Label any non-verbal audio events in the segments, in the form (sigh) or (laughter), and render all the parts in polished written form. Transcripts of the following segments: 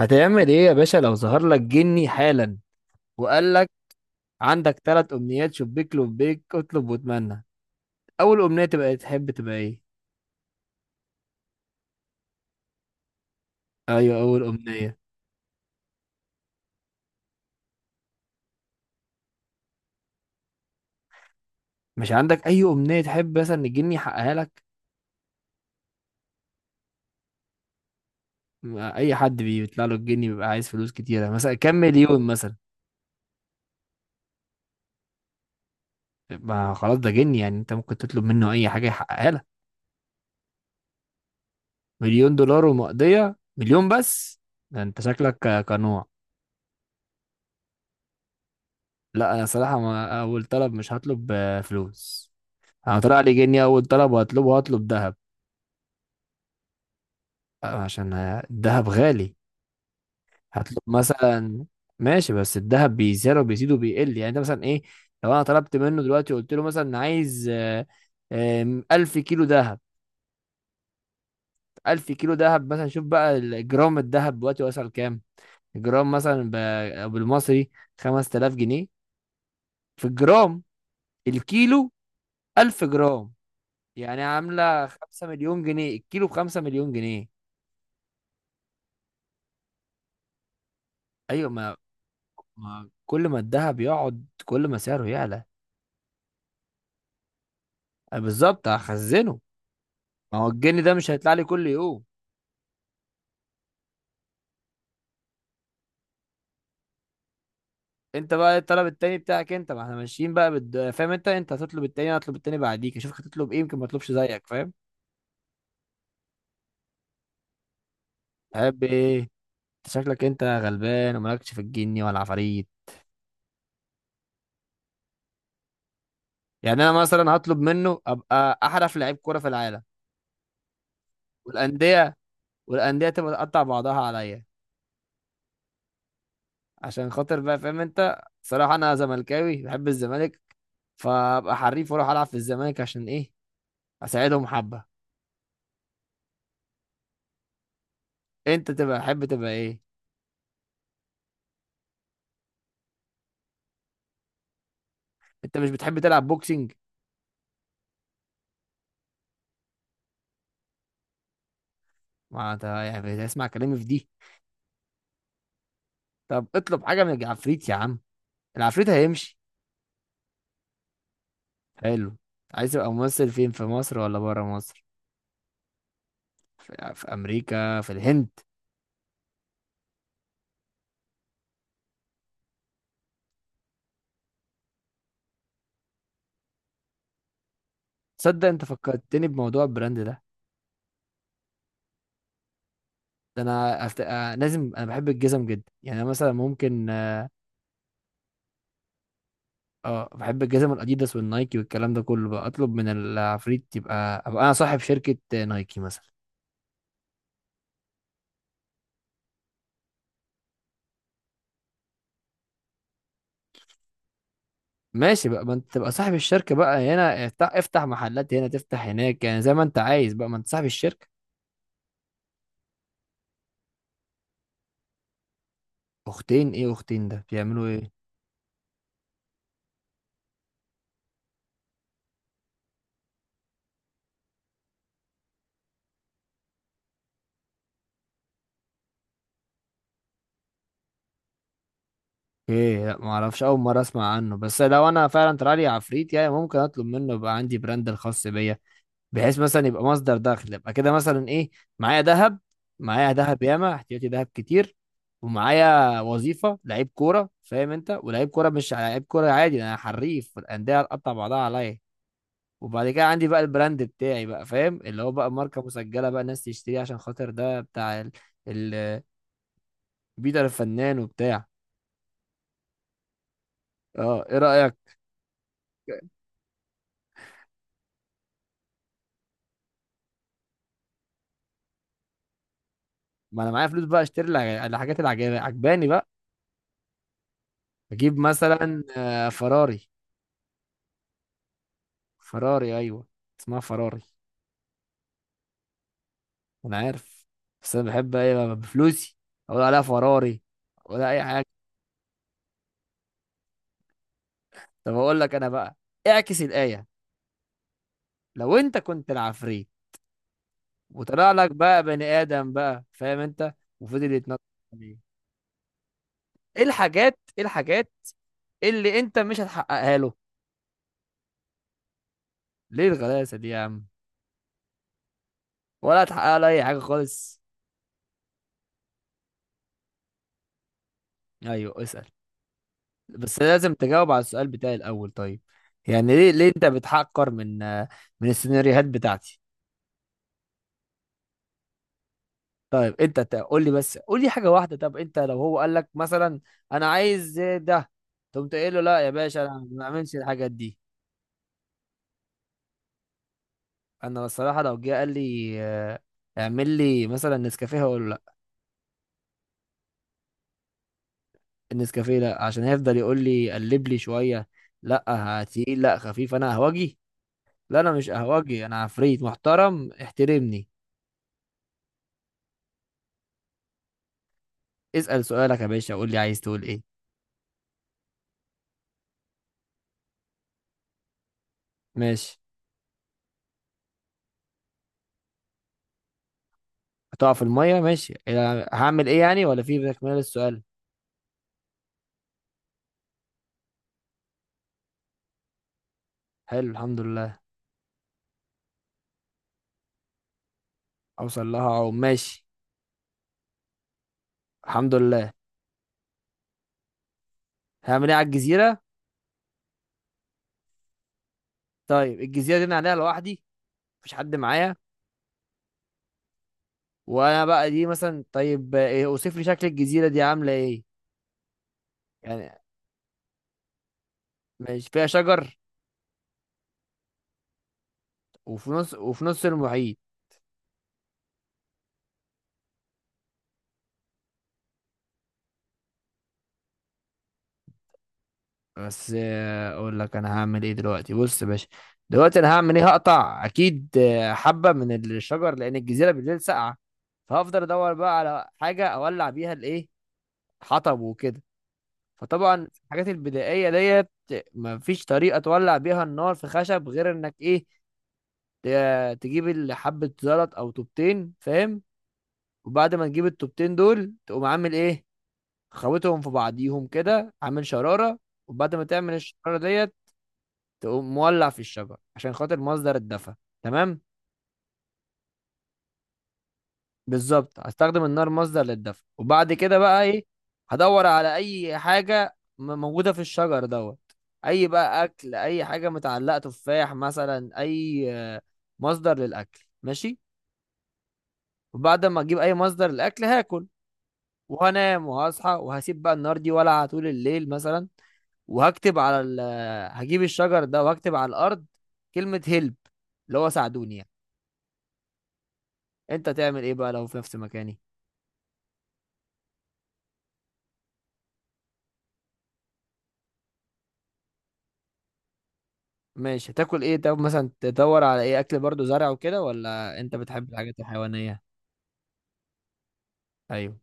هتعمل ايه يا باشا لو ظهر لك جني حالا وقال لك عندك 3 امنيات، شبيك لبيك اطلب واتمنى. اول امنية تبقى إيه؟ تحب تبقى ايه؟ ايوه اول امنية. مش عندك اي امنية تحب مثلا إن الجني يحققها لك؟ ما اي حد بيطلع له الجني بيبقى عايز فلوس كتيرة، مثلا كام مليون مثلا؟ ما خلاص ده جني يعني انت ممكن تطلب منه اي حاجة يحققها لك. مليون دولار ومقضية؟ مليون بس؟ ده انت شكلك كنوع. لا انا صراحة، ما اول طلب مش هطلب فلوس. انا طلع لي جنيه اول طلب وهطلبه، هطلب دهب. عشان الدهب غالي. هطلب مثلا، ماشي بس الدهب بيزيد وبيزيد وبيقل، يعني انت مثلا ايه؟ لو انا طلبت منه دلوقتي وقلت له مثلا عايز ألف كيلو دهب. 1000 كيلو دهب مثلا، شوف بقى الجرام الدهب دلوقتي وصل كام. الجرام مثلا بالمصري 5000 جنيه في الجرام. الكيلو 1000 جرام، يعني عاملة 5 مليون جنيه. الكيلو ب5 مليون جنيه. أيوة ما، ما كل ما الذهب يقعد كل ما سعره يعلى. أنا بالظبط هخزنه. ما هو الجنيه ده مش هيطلع لي كل يوم. انت بقى إيه الطلب التاني بتاعك؟ انت ما احنا ماشيين بقى فاهم انت هتطلب التاني، انا هطلب التاني بعديك، اشوفك هتطلب ايه. يمكن ما اطلبش زيك، فاهم؟ تحب ايه؟ انت شكلك انت غلبان ومالكش في الجني ولا العفاريت. يعني انا مثلا هطلب منه ابقى احرف لعيب كوره في العالم. والانديه، والانديه تبقى تقطع بعضها عليا. عشان خاطر بقى، فاهم انت، صراحه انا زملكاوي بحب الزمالك، فابقى حريف واروح العب في الزمالك. عشان ايه؟ اساعدهم حبه. انت تبقى تحب تبقى ايه؟ انت مش بتحب تلعب بوكسنج؟ ما انت يعني اسمع كلامي في دي. طب اطلب حاجه من العفريت يا عم، العفريت هيمشي. حلو. عايز تبقى ممثل فين، في مصر ولا بره مصر؟ في امريكا، في الهند. تصدق انت فكرتني بموضوع البراند ده. ده انا أفت... آه، لازم، انا بحب الجزم جدا، يعني أنا مثلا ممكن اه. بحب الجزم الاديداس والنايكي والكلام ده كله. بقى اطلب من العفريت يبقى ابقى انا صاحب شركه نايكي مثلا. ماشي بقى، ما انت تبقى صاحب الشركة بقى هنا، افتح محلات هنا، تفتح هناك، يعني زي ما انت عايز بقى، ما انت صاحب الشركة. اختين ايه؟ اختين ده بيعملوا ايه؟ ايه، لا ما اعرفش، اول مرة اسمع عنه. بس لو انا فعلا طلع لي عفريت يعني، ممكن اطلب منه يبقى عندي براند الخاص بيا، بحيث مثلا يبقى مصدر دخل. يبقى كده مثلا ايه؟ معايا ذهب، معايا ياما، احتياطي ذهب كتير. ومعايا وظيفة لعيب كورة، فاهم انت، ولعيب كورة مش لعيب كورة عادي، انا حريف والاندية هتقطع بعضها عليا. وبعد كده عندي بقى البراند بتاعي بقى، فاهم، اللي هو بقى ماركة مسجلة، بقى الناس تشتريه عشان خاطر ده بتاع ال... بيتر الفنان وبتاع. اه، ايه رأيك؟ ما انا معايا فلوس بقى، اشتري الحاجات اللي عجباني بقى. اجيب مثلا فراري. فراري ايوه، اسمها فراري. انا عارف، بس انا بحب ايه بقى، بفلوسي اقول عليها فراري ولا اي حاجه. طب اقول لك انا بقى، اعكس الايه. لو انت كنت العفريت وطلع لك بقى بني ادم بقى، فاهم انت، وفضل يتنطط، ايه الحاجات، ايه الحاجات اللي انت مش هتحققها له؟ ليه الغلاسه دي يا عم؟ ولا هتحقق له اي حاجه خالص؟ ايوه اسال، بس لازم تجاوب على السؤال بتاعي الاول، طيب؟ يعني ليه، ليه انت بتحقر من من السيناريوهات بتاعتي؟ طيب انت قول لي بس، قول لي حاجه واحده، طب انت لو هو قال لك مثلا انا عايز ده، تقوم تقول له لا يا باشا انا ما بعملش الحاجات دي؟ انا الصراحه لو جه قال لي اعمل لي مثلا نسكافيه، هقول له النسكافيه لا، عشان هيفضل يقول لي قلب لي شويه، لا تقيل، لا خفيف، انا اهوجي. لا انا مش اهوجي، انا عفريت محترم احترمني. اسال سؤالك يا باشا، قول لي عايز تقول ايه. ماشي. هتقع في الميه، ماشي. هعمل ايه يعني ولا في تكمله للسؤال؟ حلو الحمد لله. اوصل لها اهو، ماشي. الحمد لله. هعمل ايه على الجزيره؟ طيب الجزيره دي انا عليها لوحدي؟ مفيش حد معايا؟ وانا بقى دي مثلا، طيب ايه، اوصف لي شكل الجزيره دي، عامله ايه؟ يعني مش فيها شجر؟ وفي نص المحيط. بس اقول لك انا هعمل ايه دلوقتي، بص يا باشا. دلوقتي انا هعمل ايه، هقطع اكيد حبة من الشجر، لان الجزيرة بالليل ساقعة. فهفضل ادور بقى على حاجة اولع بيها الايه، حطب وكده. فطبعا في الحاجات البدائية ديت، مفيش طريقة تولع بيها النار في خشب غير انك ايه، تجيب حبة زلط او طوبتين، فاهم. وبعد ما تجيب الطوبتين دول تقوم عامل ايه، خوتهم في بعضيهم كده عامل شرارة. وبعد ما تعمل الشرارة ديت، تقوم مولع في الشجر عشان خاطر مصدر الدفع، تمام. بالظبط، هستخدم النار مصدر للدفع، وبعد كده بقى ايه، هدور على اي حاجة موجودة في الشجر دوت، اي بقى اكل، اي حاجة متعلقة، تفاح مثلا، اي مصدر للاكل، ماشي. وبعد ما اجيب اي مصدر للاكل هاكل، وهنام وهصحى، وهسيب بقى النار دي ولعة طول الليل مثلا. وهكتب على هجيب الشجر ده وهكتب على الارض كلمة هيلب، اللي هو ساعدوني يعني. انت تعمل ايه بقى لو في نفس مكاني؟ ماشي، هتاكل ايه؟ طب مثلا تدور على ايه، اكل برضو، زرع وكده، ولا انت بتحب الحاجات الحيوانية؟ ايوه.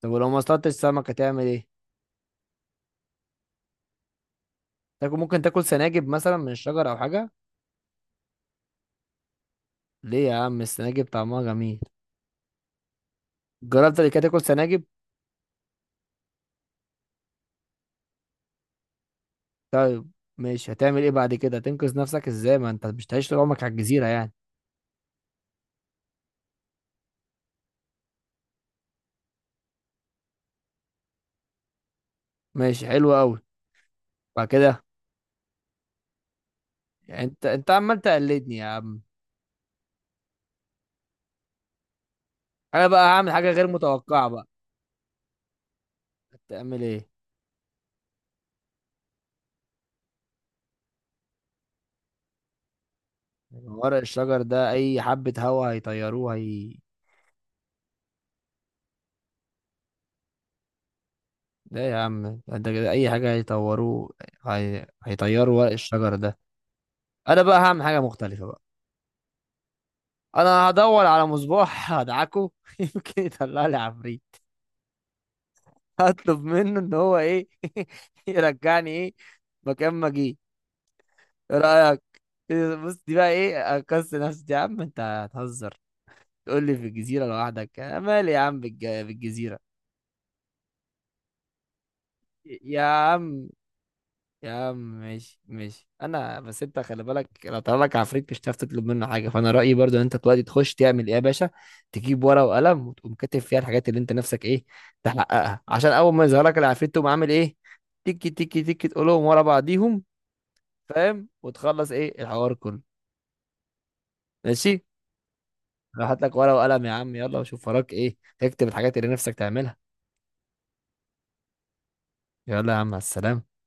طب ولو ما اصطادتش سمك هتعمل ايه؟ تاكل، ممكن تاكل سناجب مثلا من الشجر او حاجة. ليه يا عم، السناجب طعمها جميل. جربت قبل كده تاكل سناجب؟ طيب، ماشي. هتعمل ايه بعد كده، هتنقذ نفسك ازاي؟ ما انت مش هتعيش طول عمرك على الجزيرة يعني. ماشي حلو قوي. بعد كده؟ يعني انت عمال تقلدني يا عم. انا بقى هعمل حاجه غير متوقعه بقى. هتعمل ايه؟ ورق الشجر ده اي حبه هوا هيطيروه هي. ده يا عم، انت كده اي حاجه هيطوروه. هيطيروا ورق الشجر ده. انا بقى هعمل حاجه مختلفه بقى. انا هدور على مصباح هدعكه (laughs) يمكن يطلع لي عفريت. هطلب منه ان هو ايه، (laughs) يرجعني ايه، مكان ما جه. ايه رايك؟ بص دي بقى ايه، اكس نفسي يا عم، انت هتهزر تقول لي في الجزيرة لوحدك، أنا مالي يا عم بالجزيرة. يا عم، يا عم ماشي ماشي، انا بس انت خلي بالك، لو طلع لك عفريت مش هتعرف تطلب منه حاجه. فانا رايي برضو ان انت دلوقتي تخش تعمل ايه يا باشا، تجيب ورقه وقلم وتقوم كاتب فيها الحاجات اللي انت نفسك ايه، تحققها. عشان اول ما يظهر لك العفريت تقوم عامل ايه، تيكي تيكي تيكي، تقولهم ورا بعضيهم، فاهم، وتخلص ايه الحوار كله. ماشي. راح هات لك ورقه وقلم يا عم، يلا، وشوف وراك ايه، تكتب الحاجات اللي نفسك تعملها. يلا يا عم على السلامه.